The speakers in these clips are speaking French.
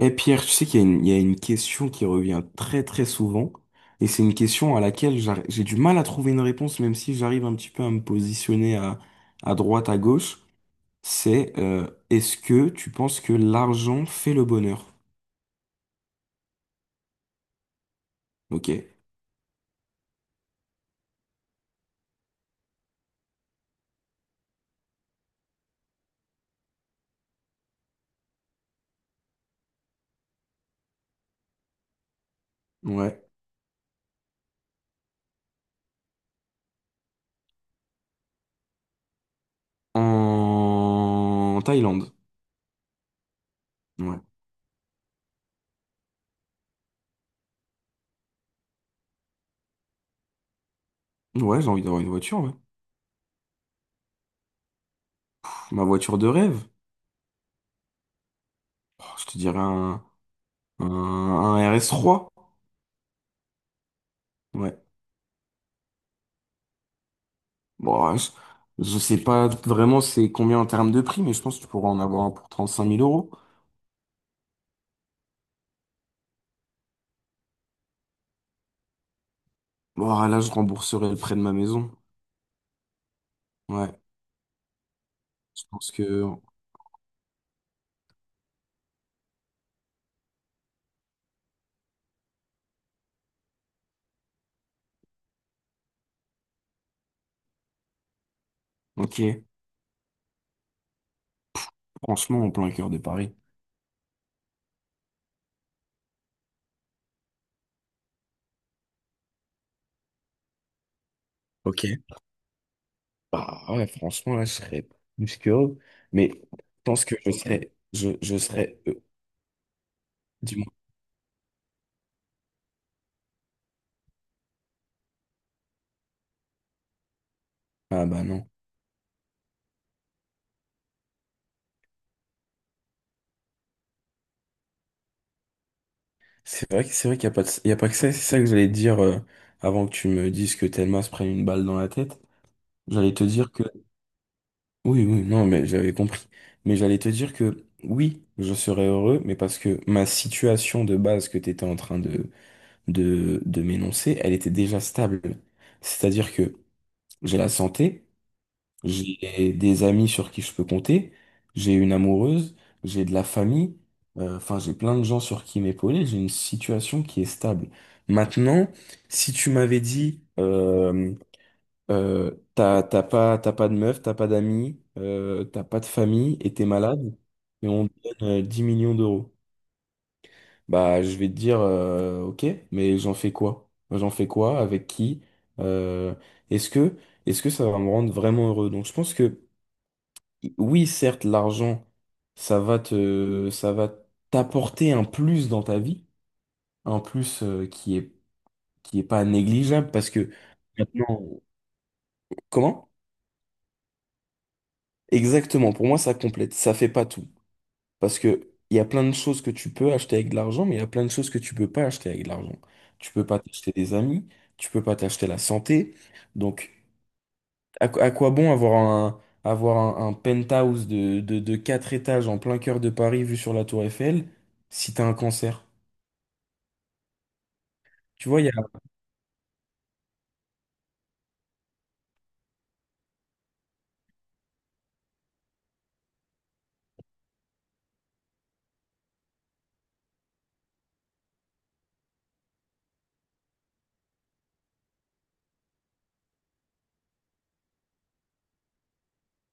Et Pierre, tu sais qu'il y a une, il y a une question qui revient très très souvent, et c'est une question à laquelle j'ai du mal à trouver une réponse, même si j'arrive un petit peu à me positionner à droite, à gauche. C'est Est-ce que tu penses que l'argent fait le bonheur? Ok. Ouais. En Thaïlande. Ouais. Ouais, j'ai envie d'avoir une voiture, ouais. Pff, ma voiture de rêve. Oh, je te dirais un RS3. Ouais. Bon, je sais pas vraiment c'est combien en termes de prix, mais je pense que tu pourras en avoir un pour trente cinq mille euros. Bon, là, je rembourserai le prêt de ma maison. Ouais, je pense que... Ok, franchement, en plein cœur de Paris. Ok. Bah ouais, franchement, là, je serais plus que heureux. Mais je pense que je serais... je serais... dis-moi. Ah bah non. C'est vrai, c'est vrai qu'il n'y a pas de- il y a pas que ça. C'est ça que j'allais te dire avant que tu me dises que Telma se prenne une balle dans la tête. J'allais te dire que... Oui, oui, non, mais j'avais compris. Mais j'allais te dire que oui, je serais heureux, mais parce que ma situation de base que tu étais en train de, de m'énoncer, elle était déjà stable. C'est-à-dire que j'ai la santé, j'ai des amis sur qui je peux compter, j'ai une amoureuse, j'ai de la famille, enfin, j'ai plein de gens sur qui m'épauler, j'ai une situation qui est stable. Maintenant, si tu m'avais dit, t'as pas de meuf, t'as pas d'amis, t'as pas de famille et t'es malade, et on te donne 10 millions d'euros. Bah, je vais te dire, ok, mais j'en fais quoi? J'en fais quoi? Avec qui? Euh, est-ce que, est-ce que ça va me rendre vraiment heureux? Donc, je pense que, oui, certes, l'argent, ça va t'apporter un plus dans ta vie, un plus, qui est pas négligeable parce que maintenant, comment? Exactement, pour moi, ça complète, ça fait pas tout. Parce que il y a plein de choses que tu peux acheter avec de l'argent, mais il y a plein de choses que tu peux pas acheter avec de l'argent. Tu peux pas t'acheter des amis, tu peux pas t'acheter la santé. Donc, quoi à quoi bon avoir un, un penthouse de, de 4 étages en plein cœur de Paris vu sur la tour Eiffel si t'as un cancer? Tu vois, il y a...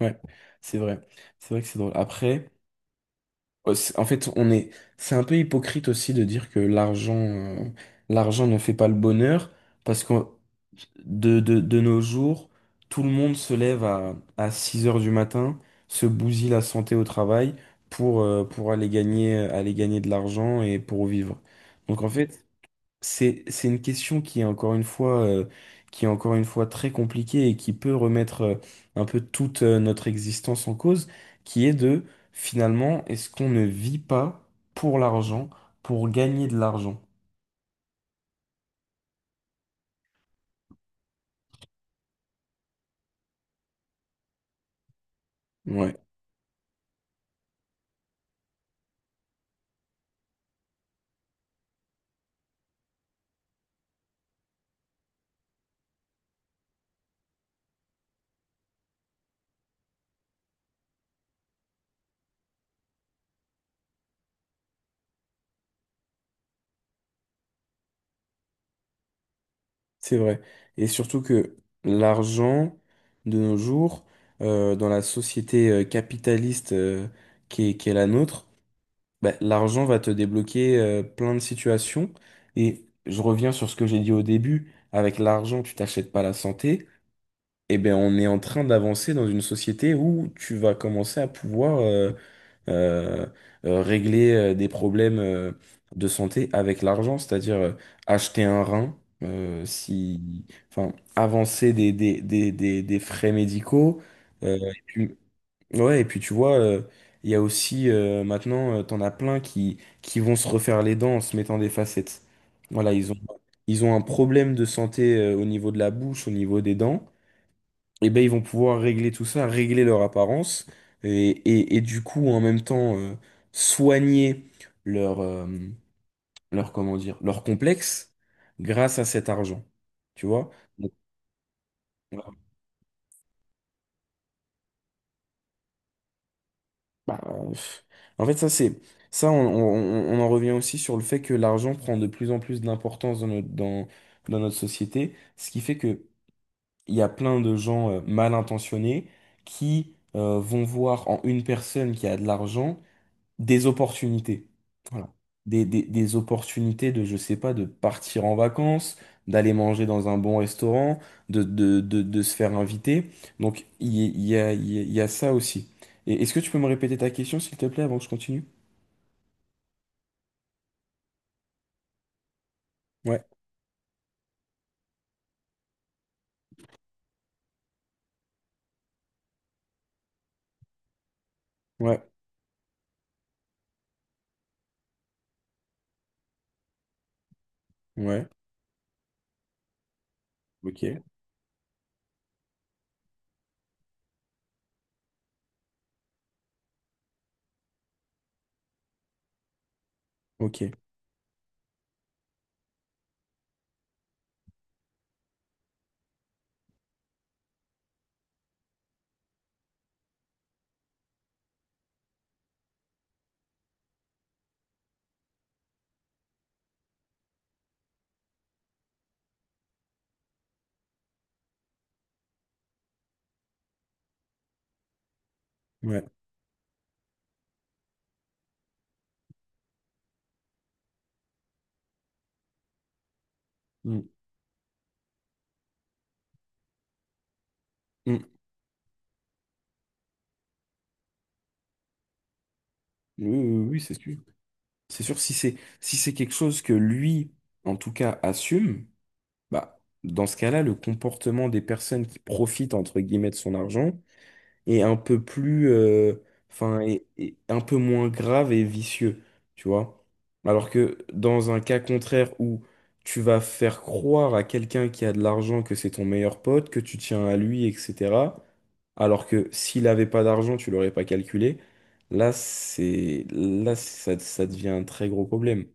Ouais, c'est vrai. C'est vrai que c'est drôle. Après... En fait, c'est un peu hypocrite aussi de dire que l'argent, l'argent ne fait pas le bonheur, parce que de nos jours, tout le monde se lève à 6 heures du matin, se bousille la santé au travail pour aller gagner de l'argent et pour vivre. Donc en fait, c'est une question qui est encore une fois, qui est encore une fois très compliquée et qui peut remettre un peu toute notre existence en cause, qui est de finalement, est-ce qu'on ne vit pas pour l'argent, pour gagner de l'argent? Ouais, c'est vrai. Et surtout que l'argent, de nos jours, dans la société capitaliste qui est la nôtre, bah, l'argent va te débloquer plein de situations. Et je reviens sur ce que j'ai dit au début. Avec l'argent, tu t'achètes pas la santé. Eh ben, on est en train d'avancer dans une société où tu vas commencer à pouvoir euh, régler des problèmes de santé avec l'argent, c'est-à-dire acheter un rein, si, enfin, avancer des, des frais médicaux. euh, Ouais, et puis tu vois, il y a aussi maintenant, t'en as plein qui vont se refaire les dents en se mettant des facettes. Voilà, ils ont un problème de santé au niveau de la bouche, au niveau des dents. Et ben ils vont pouvoir régler tout ça, régler leur apparence, et, et du coup, en même temps, soigner leur, euh, leur, comment dire, leur complexe grâce à cet argent. Tu vois? Bah, pff, en fait, ça, on en revient aussi sur le fait que l'argent prend de plus en plus d'importance dans notre, dans notre société, ce qui fait que il y a plein de gens mal intentionnés qui vont voir en une personne qui a de l'argent des opportunités. Voilà. Des opportunités de, je sais pas, de partir en vacances, d'aller manger dans un bon restaurant, de se faire inviter. Donc, il y a ça aussi. Et est-ce que tu peux me répéter ta question, s'il te plaît, avant que je continue? Ouais, ouais, ouais. Ok, ok, ouais. Mm, mm. Oui, oui, oui, oui, c'est sûr. C'est sûr, si c'est quelque chose que lui, en tout cas, assume, bah, dans ce cas-là, le comportement des personnes qui profitent, entre guillemets, de son argent, et un peu plus, euh, enfin, et un peu moins grave et vicieux, tu vois. Alors que dans un cas contraire où tu vas faire croire à quelqu'un qui a de l'argent que c'est ton meilleur pote, que tu tiens à lui, etc. Alors que s'il n'avait pas d'argent, tu l'aurais pas calculé. Là, ça devient un très gros problème.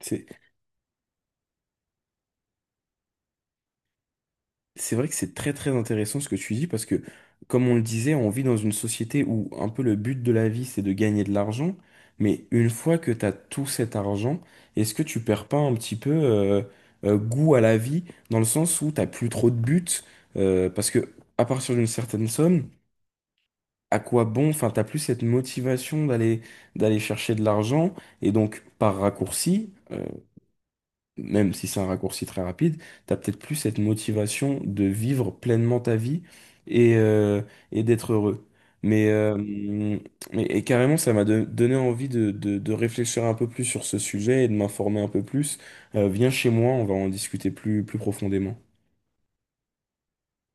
C'est C'est vrai que c'est très très intéressant ce que tu dis parce que, comme on le disait, on vit dans une société où un peu le but de la vie c'est de gagner de l'argent, mais une fois que tu as tout cet argent, est-ce que tu perds pas un petit peu goût à la vie dans le sens où t'as plus trop de but parce que à partir d'une certaine somme, à quoi bon, enfin t'as plus cette motivation d'aller chercher de l'argent et donc par raccourci, même si c'est un raccourci très rapide, t'as peut-être plus cette motivation de vivre pleinement ta vie et, euh, et d'être heureux. Mais, euh, et carrément, ça m'a donné envie de, de réfléchir un peu plus sur ce sujet et de m'informer un peu plus. Viens chez moi, on va en discuter plus, plus profondément.